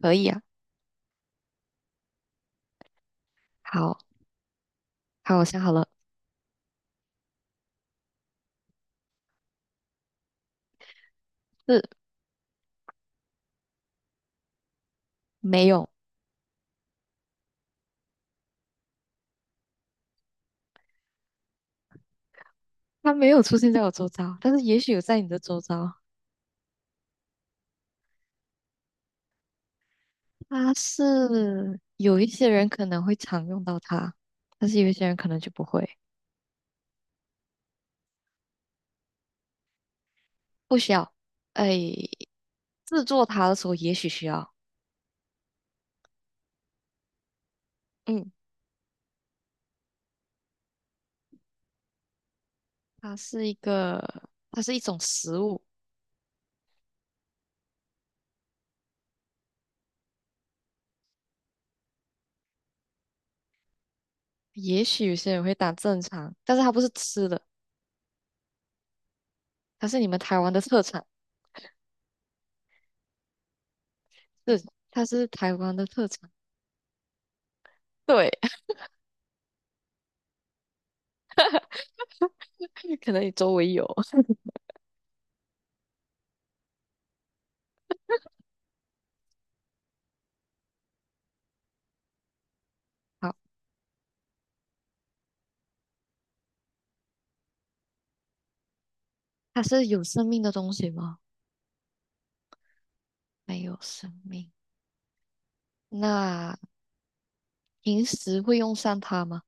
可以啊，好，好，我想好了，是。没有，它没有出现在我周遭，但是也许有在你的周遭。它是有一些人可能会常用到它，但是有一些人可能就不会，不需要。哎，制作它的时候也许需要。嗯，它是一个，它是一种食物，也许有些人会当正常，但是它不是吃的，它是你们台湾的特产，是，它是台湾的特产。对，可能你周围有。好。它是有生命的东西吗？没有生命。那平时会用上它吗？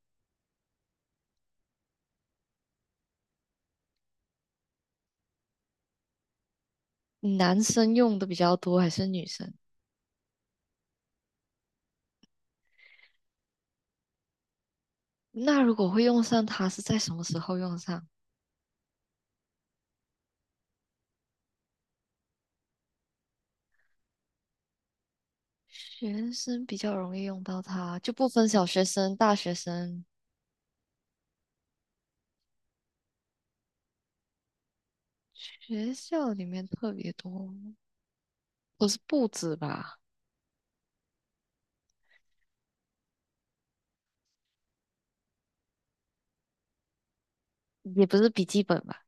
男生用的比较多还是女生？那如果会用上它，是在什么时候用上？学生比较容易用到它，就不分小学生、大学生。学校里面特别多，不是簿子吧？也不是笔记本吧？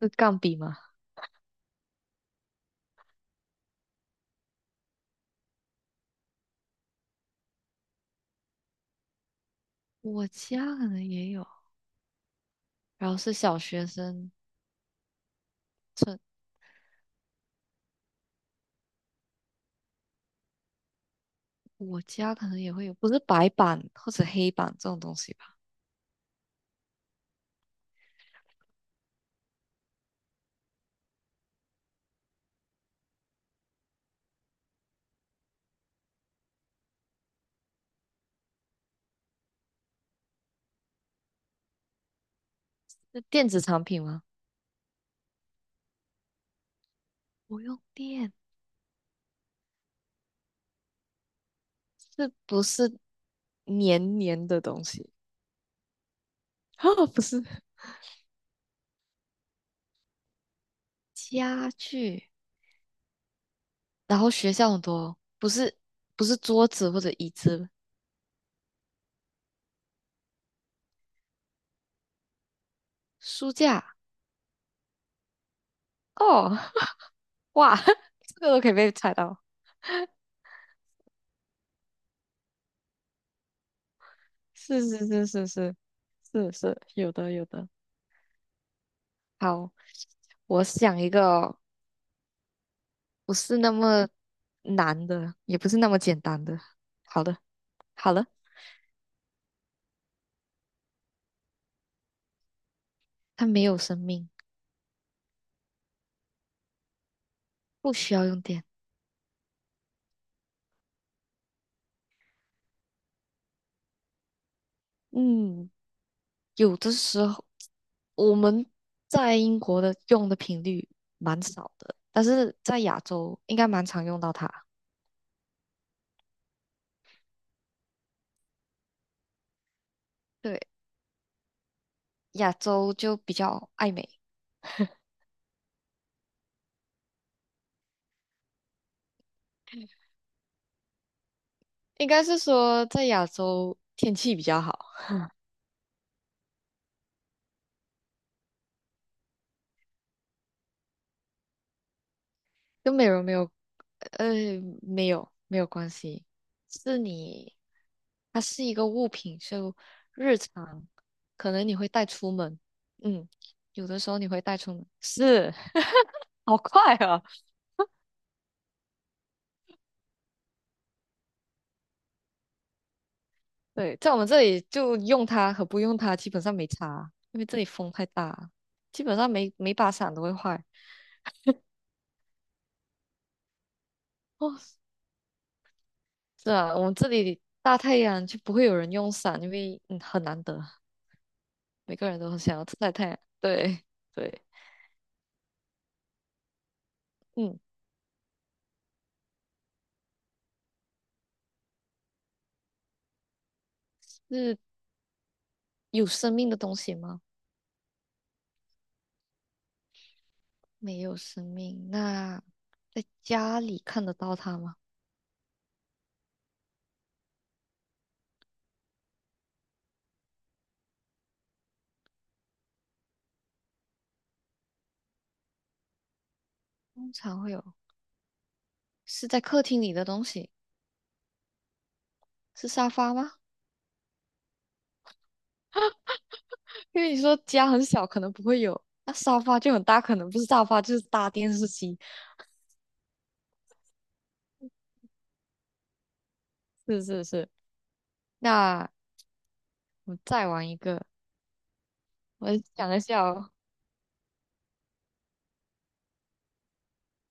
是钢笔吗？我家可能也有，然后是小学生。我家可能也会有，不是白板或者黑板这种东西吧？是电子产品吗？不用电，是不是黏黏的东西？啊，不是。家具，然后学校很多，不是桌子或者椅子，书架。哦，哇，这个都可以被猜到，是是是是是是，有的有的。好，我想一个哦，不是那么难的，也不是那么简单的。好的。好了，它没有生命，不需要用电。嗯，有的时候我们在英国的用的频率蛮少的，但是在亚洲应该蛮常用到它。对，亚洲就比较爱美，应该是说在亚洲天气比较好。跟美容没有，呃，没有关系，是你，它是一个物品，就日常可能你会带出门，嗯，有的时候你会带出门，是，好快啊，对，在我们这里就用它和不用它基本上没差，因为这里风太大，基本上每每把伞都会坏。哦，是啊，我们这里大太阳就不会有人用伞，因为很难得，每个人都很想要晒太阳，对对。嗯。是有生命的东西吗？没有生命。那在家里看得到它吗？通常会有，是在客厅里的东西，是沙发吗？因为你说家很小，可能不会有，那沙发就很大，可能不是沙发就是大电视机。是是是。那我再玩一个，我想一下哦，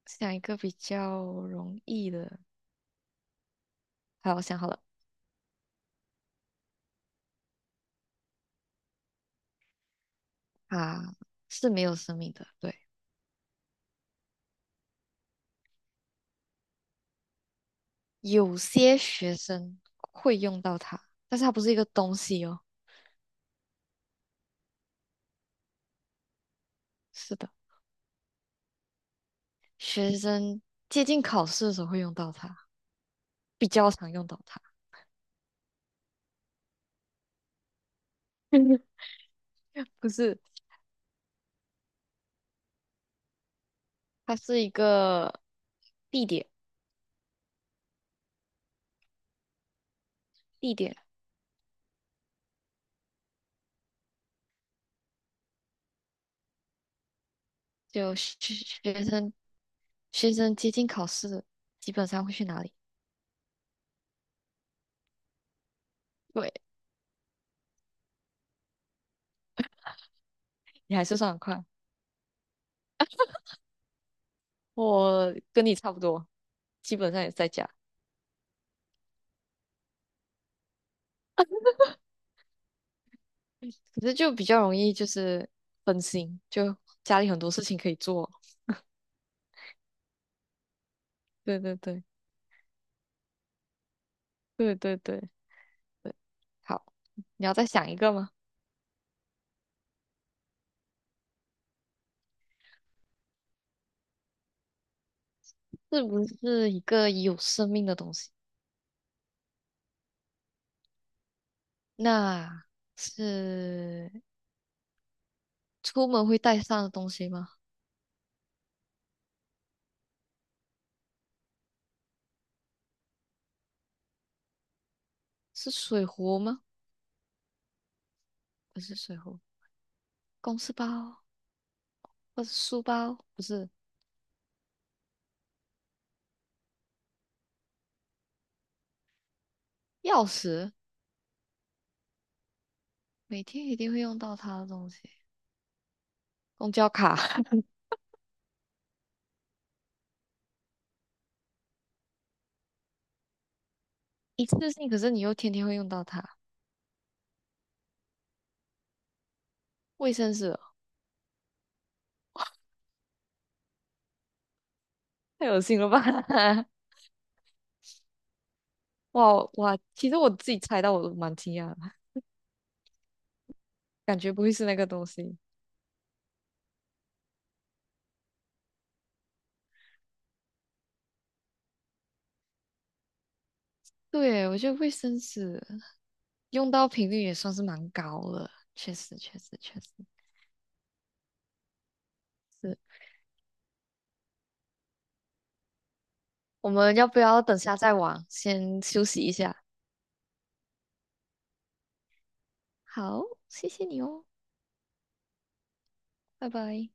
想一个比较容易的。好，我想好了，啊，是没有生命的，对。有些学生会用到它，但是它不是一个东西哦。是的，学生接近考试的时候会用到它，比较常用到它。不是，它是一个地点，地点就学学生学生接近考试，基本上会去哪里？对，你还是算很快，我跟你差不多，基本上也是在家，可是就比较容易就是分心，就家里很多事情可以做。对对对对对对对，好，你要再想一个吗？是不是一个有生命的东西？那是出门会带上的东西吗？是水壶吗？不是水壶，公事包或者书包，不是钥匙，每天一定会用到它的东西。公交卡。 一次性，可是你又天天会用到它。卫生纸哦，太恶心了吧！哇哇，其实我自己猜到我都蛮惊讶的，感觉不会是那个东西。对，我觉得卫生纸用到频率也算是蛮高了，确实是。我们要不要等下再玩？先休息一下。好，谢谢你哦，拜拜。